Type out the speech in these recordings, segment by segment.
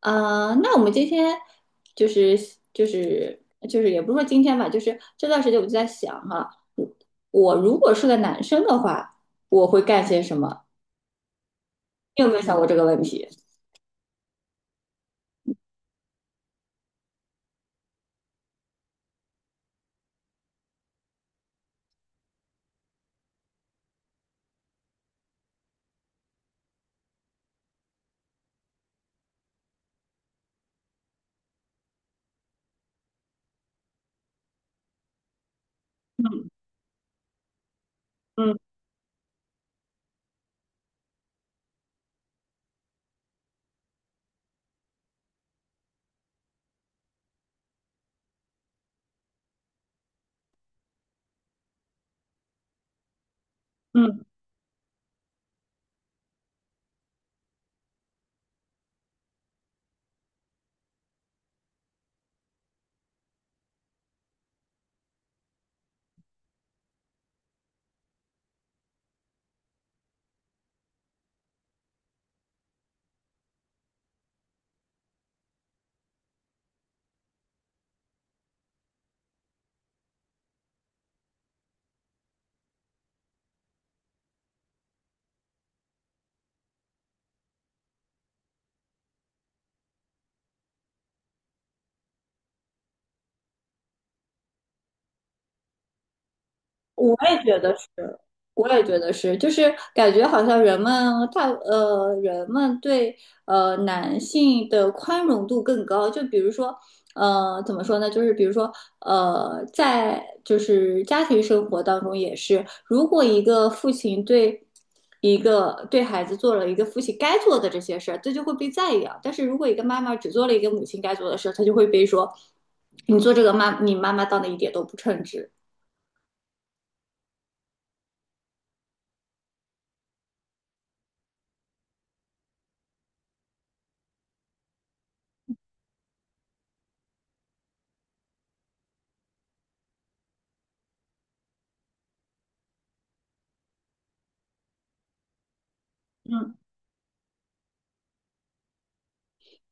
啊，那我们今天就是就是也不是说今天吧，就是这段时间我就在想哈，我如果是个男生的话，我会干些什么？你有没有想过这个问题？嗯嗯。我也觉得是，我也觉得是，就是感觉好像人们对男性的宽容度更高，就比如说怎么说呢，就是比如说在就是家庭生活当中也是，如果一个父亲对一个对孩子做了一个父亲该做的这些事儿，这就会被赞扬；但是如果一个妈妈只做了一个母亲该做的事儿，她就会被说你做这个妈，你妈妈当的一点都不称职。嗯。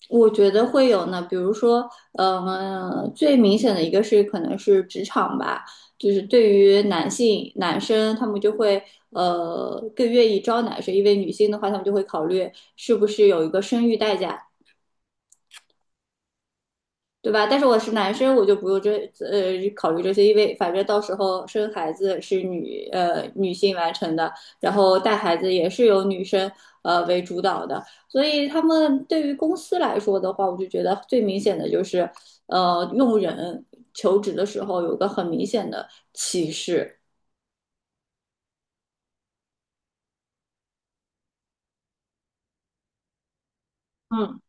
我觉得会有呢，比如说，最明显的一个是可能是职场吧，就是对于男生，他们就会更愿意招男生，因为女性的话，他们就会考虑是不是有一个生育代价，对吧？但是我是男生，我就不用考虑这些，因为反正到时候生孩子是女性完成的，然后带孩子也是由女生为主导的，所以他们对于公司来说的话，我就觉得最明显的就是用人求职的时候有个很明显的歧视。嗯。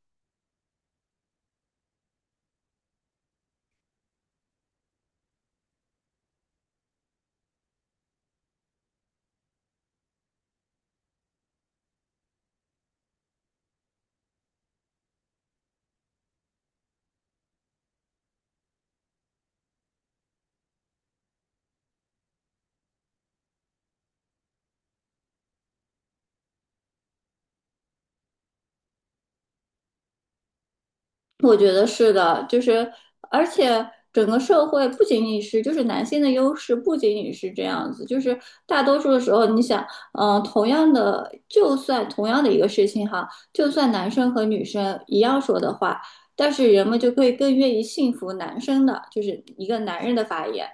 我觉得是的，就是而且整个社会不仅仅是就是男性的优势，不仅仅是这样子，就是大多数的时候，你想，同样的，就算同样的一个事情哈，就算男生和女生一样说的话，但是人们就会更愿意信服男生的，就是一个男人的发言，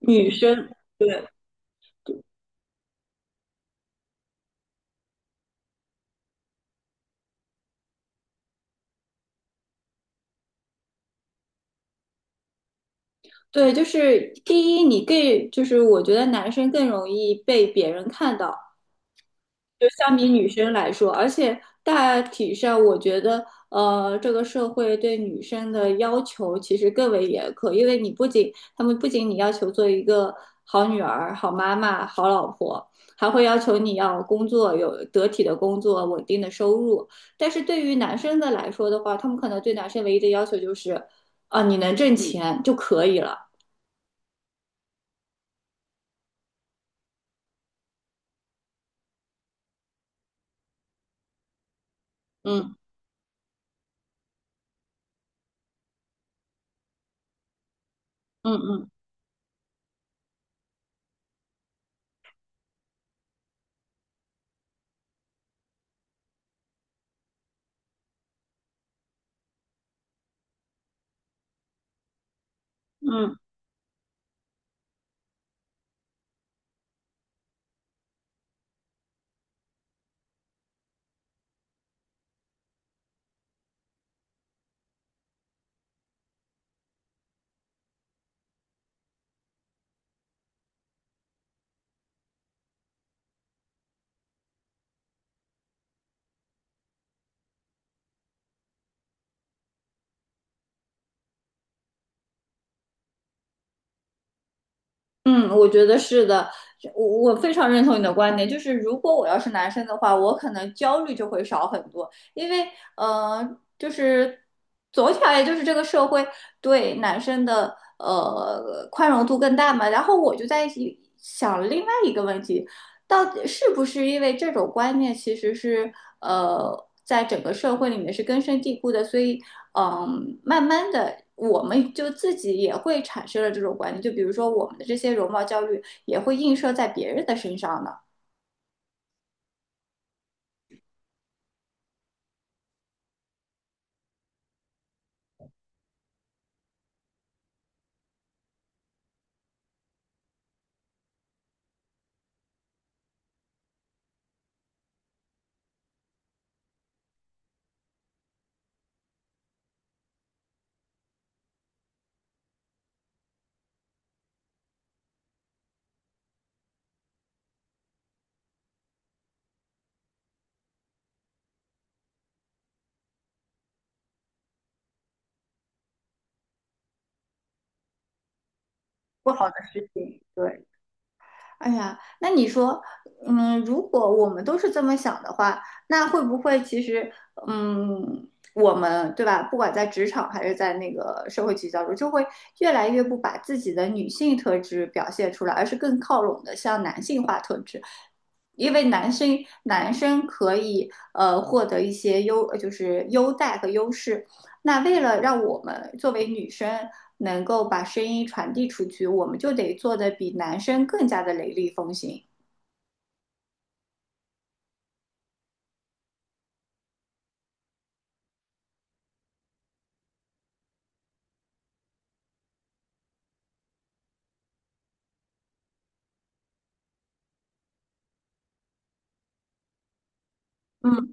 女生。对。对，就是第一，你更就是我觉得男生更容易被别人看到，就相比女生来说，而且大体上，我觉得，这个社会对女生的要求其实更为严苛，因为你不仅他们不仅你要求做一个好女儿、好妈妈、好老婆，还会要求你要工作有得体的工作、稳定的收入。但是对于男生的来说的话，他们可能对男生唯一的要求就是，啊、你能挣钱就可以了。嗯嗯嗯嗯。嗯，我觉得是的，我我非常认同你的观点。就是如果我要是男生的话，我可能焦虑就会少很多，因为就是总体而言，就是这个社会对男生的宽容度更大嘛。然后我就在想另外一个问题，到底是不是因为这种观念其实是在整个社会里面是根深蒂固的，所以嗯，慢慢的，我们就自己也会产生了这种观念，就比如说我们的这些容貌焦虑也会映射在别人的身上呢，不好的事情。对，哎呀，那你说，嗯，如果我们都是这么想的话，那会不会其实，嗯，我们对吧？不管在职场还是在那个社会聚焦中，就会越来越不把自己的女性特质表现出来，而是更靠拢的向男性化特质。因为男生可以获得一些就是优待和优势。那为了让我们作为女生能够把声音传递出去，我们就得做的比男生更加的雷厉风行，嗯，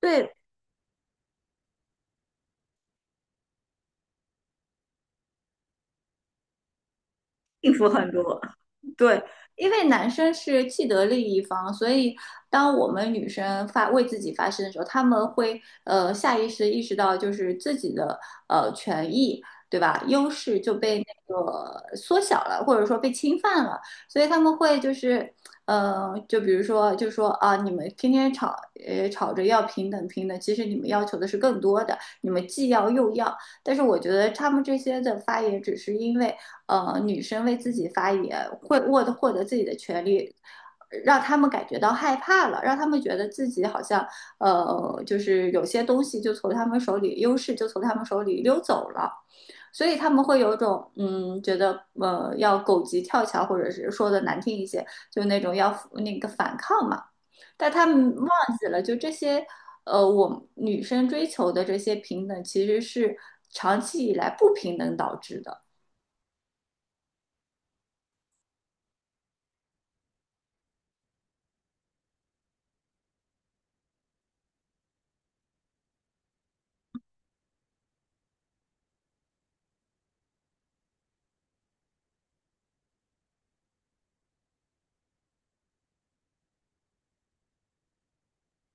对，幸福很多。对，因为男生是既得利益方，所以当我们女生发为自己发声的时候，他们会下意识意识到就是自己的权益，对吧？优势就被那个缩小了，或者说被侵犯了，所以他们会就是就比如说就说啊，你们天天吵着要平等平等，其实你们要求的是更多的，你们既要又要，但是我觉得他们这些的发言只是因为。女生为自己发言，会获得自己的权利，让他们感觉到害怕了，让他们觉得自己好像就是有些东西就从他们手里优势就从他们手里溜走了。所以他们会有一种嗯，觉得要狗急跳墙，或者是说的难听一些，就那种要那个反抗嘛。但他们忘记了，就这些我女生追求的这些平等，其实是长期以来不平等导致的。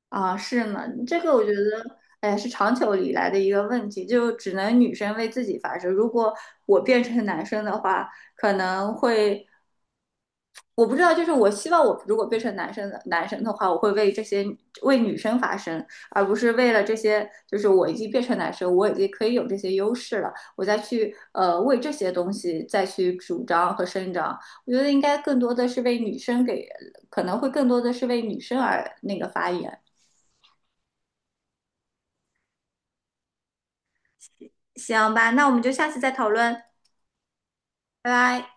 啊，是呢，这个我觉得，哎，是长久以来的一个问题，就只能女生为自己发声。如果我变成男生的话，可能会，我不知道，就是我希望我如果变成男生的的话，我会为这些为女生发声，而不是为了这些，就是我已经变成男生，我已经可以有这些优势了，我再去为这些东西再去主张和伸张。我觉得应该更多的是为女生给，可能会更多的是为女生而那个发言。行吧，那我们就下次再讨论，拜拜。